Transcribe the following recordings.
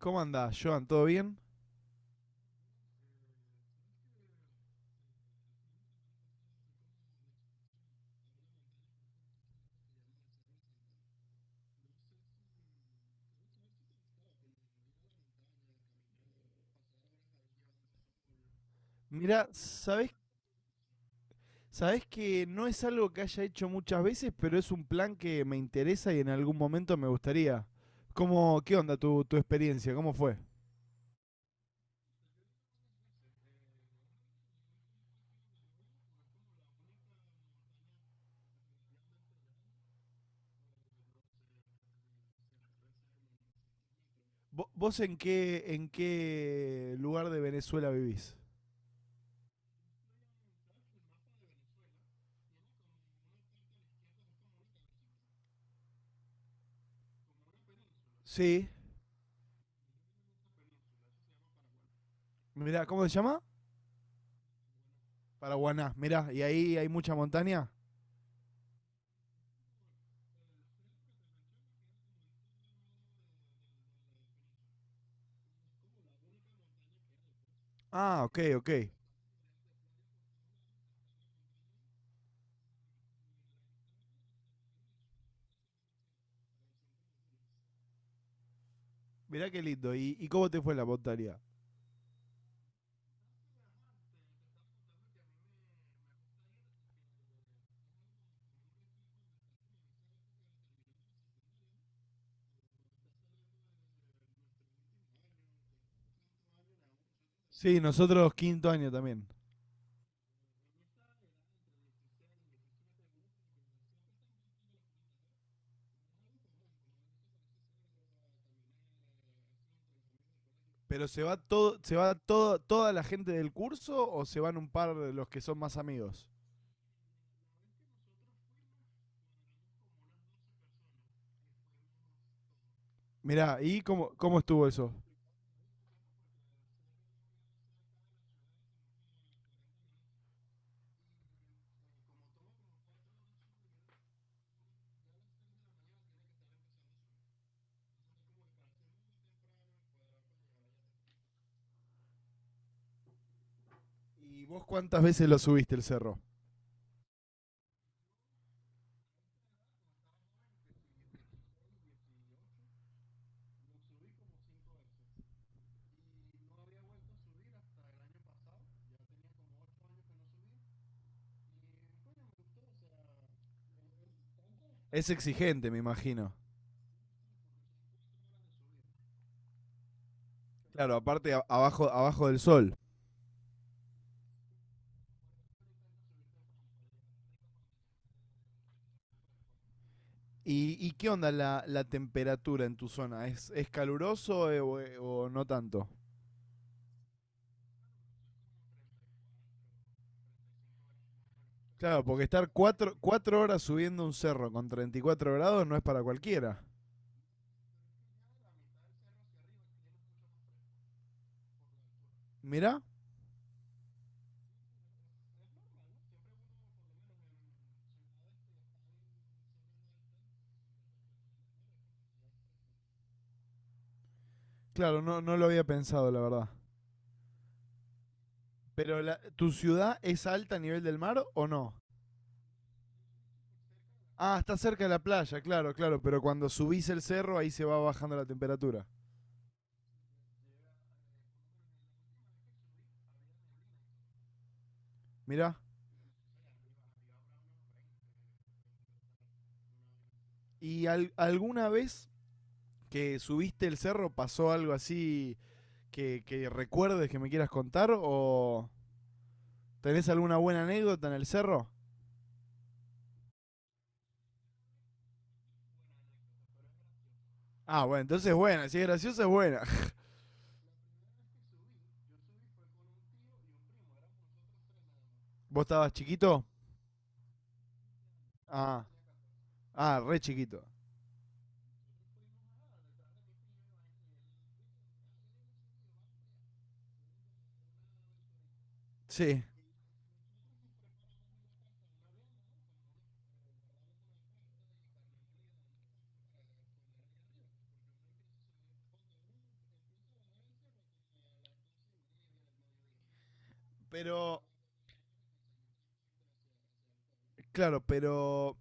¿Cómo andás, Joan? ¿Todo bien? Mira, sabés que no es algo que haya hecho muchas veces, pero es un plan que me interesa y en algún momento me gustaría. ¿Qué onda tu experiencia? ¿Cómo fue? ¿Vos en qué lugar de Venezuela vivís? Sí, mirá, ¿cómo se llama? Paraguaná, mirá, ¿y ahí hay mucha montaña? Ah, ok, ok. Mirá qué lindo. ¿Y cómo te fue la montaña? Sí, nosotros quinto año también. ¿Pero se va todo, toda la gente del curso o se van un par de los que son más amigos? Mirá, ¿y cómo estuvo eso? ¿Y vos cuántas veces lo subiste el cerro? Es exigente, me imagino. Claro, aparte abajo del sol. ¿Y qué onda la temperatura en tu zona? ¿Es caluroso o no tanto? Claro, porque estar cuatro horas subiendo un cerro con 34 grados no es para cualquiera. Mirá, claro, no, no lo había pensado, la verdad. Pero ¿tu ciudad es alta a nivel del mar o no? Ah, está cerca de la playa, claro, claro, pero cuando subís el cerro ahí se va bajando la temperatura. Mirá, ¿y alguna vez que subiste el cerro pasó algo así que recuerdes que me quieras contar o tenés alguna buena anécdota en el cerro? Ah, bueno, entonces es buena, si es graciosa es buena. ¿Vos estabas chiquito? Ah, ah, re chiquito. Sí, pero, claro, pero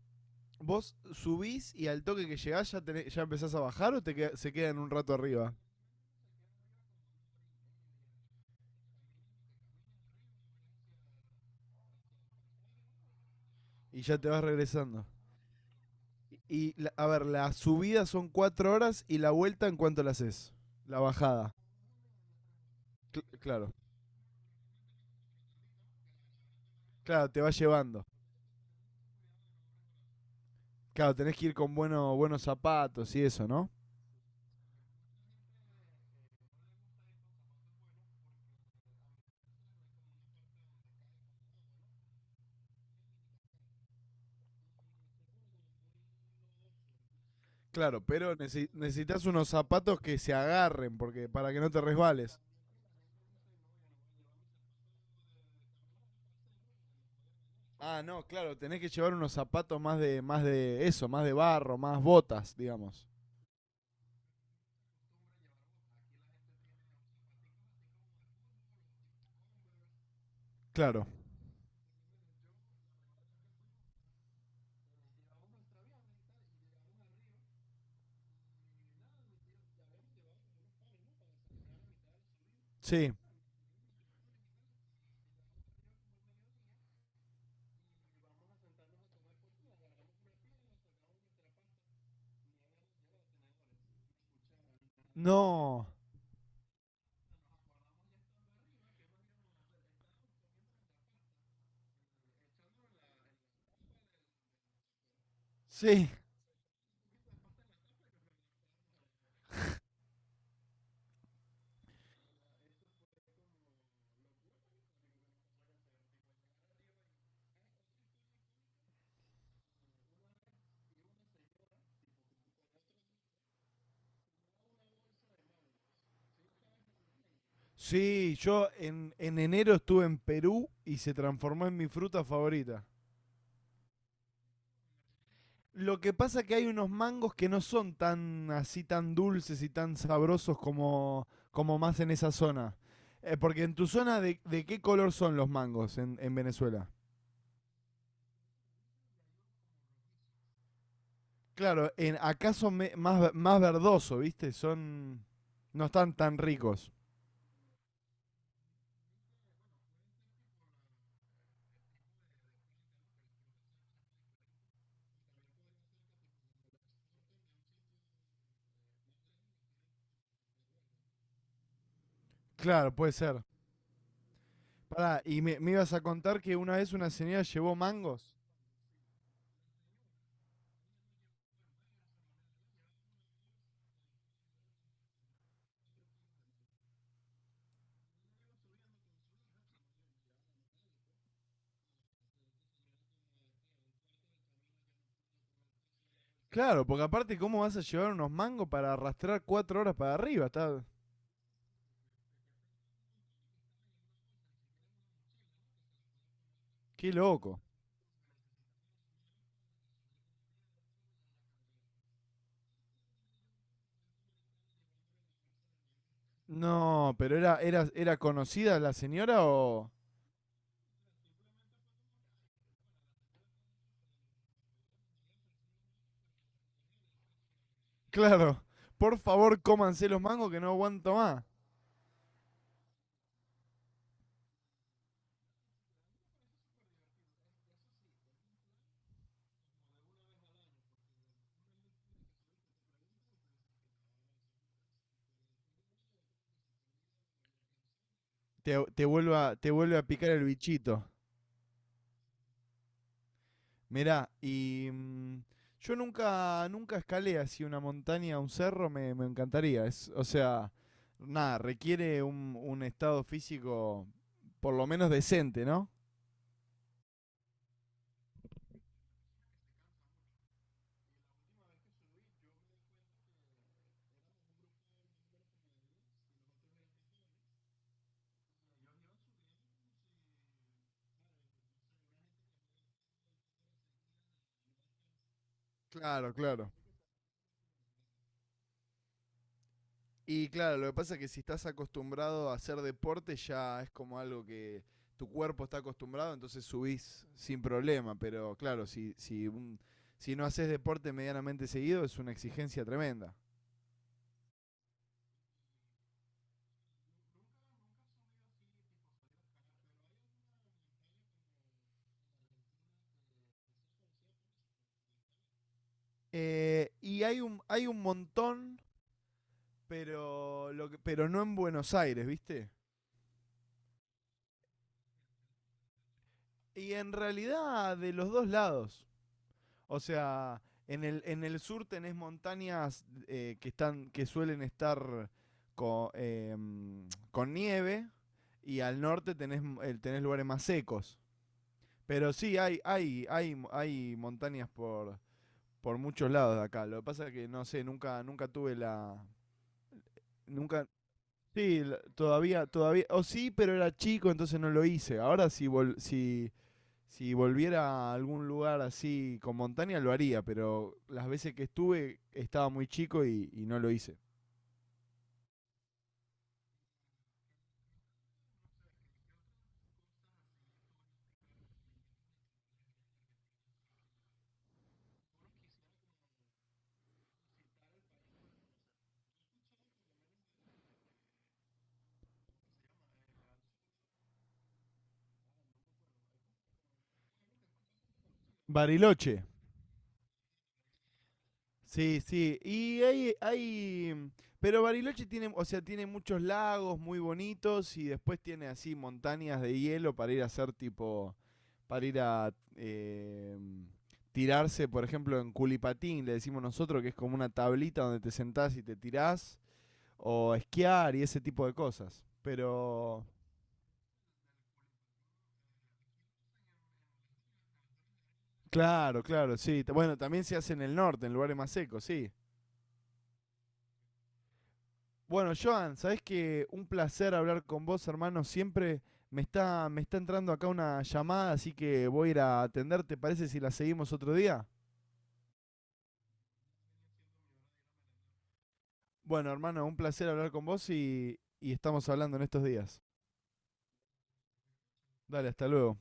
vos subís y al toque que llegás ya, ya empezás a bajar o se quedan un rato arriba y ya te vas regresando. Y a ver, la subida son 4 horas y la vuelta en cuánto la haces. La bajada. Claro. Claro, te va llevando. Claro, tenés que ir con buenos zapatos y eso, ¿no? Claro, pero necesitas unos zapatos que se agarren porque para que no te resbales. Ah, no, claro, tenés que llevar unos zapatos más de eso, más de barro, más botas, digamos. Claro. Sí. No. Sí, sí, yo en enero estuve en Perú y se transformó en mi fruta favorita. Lo que pasa que hay unos mangos que no son tan así tan dulces y tan sabrosos como más en esa zona. ¿Porque en tu zona, de qué color son los mangos en Venezuela? Claro, acá son más verdoso, ¿viste? Son. No están tan ricos. Claro, puede ser. Pará, y me ibas a contar que una vez una señora llevó mangos. Claro, porque aparte, ¿cómo vas a llevar unos mangos para arrastrar 4 horas para arriba? Está. Qué loco. No, pero era conocida la señora o. Claro, por favor cómanse los mangos que no aguanto más. Te vuelve a picar el bichito. Mirá, y yo nunca escalé así una montaña, un cerro, me encantaría. O sea, nada, requiere un estado físico por lo menos decente, ¿no? Claro, claro. Y claro, lo que pasa es que si estás acostumbrado a hacer deporte ya es como algo que tu cuerpo está acostumbrado, entonces subís sin problema. Pero claro, si no haces deporte medianamente seguido es una exigencia tremenda. Y hay un montón, pero, pero no en Buenos Aires, ¿viste? Y en realidad de los dos lados. O sea, en el sur tenés montañas que suelen estar con nieve, y al norte tenés lugares más secos. Pero sí, hay montañas por muchos lados de acá. Lo que pasa es que no sé, nunca tuve la. Nunca. Sí, todavía... O sí, pero era chico, entonces no lo hice. Ahora si volviera a algún lugar así con montaña lo haría, pero las veces que estuve estaba muy chico y no lo hice. Bariloche. Sí, sí. Y hay. Pero Bariloche tiene, o sea, tiene muchos lagos muy bonitos y después tiene así montañas de hielo para ir a hacer tipo. Para ir a tirarse, por ejemplo, en culipatín, le decimos nosotros, que es como una tablita donde te sentás y te tirás, o esquiar y ese tipo de cosas. Pero claro, claro, sí. Bueno, también se hace en el norte, en lugares más secos, sí. Bueno, Joan, sabés que un placer hablar con vos, hermano. Siempre me está entrando acá una llamada, así que voy a ir a atender. ¿Te parece si la seguimos otro día? Bueno, hermano, un placer hablar con vos y estamos hablando en estos días. Dale, hasta luego.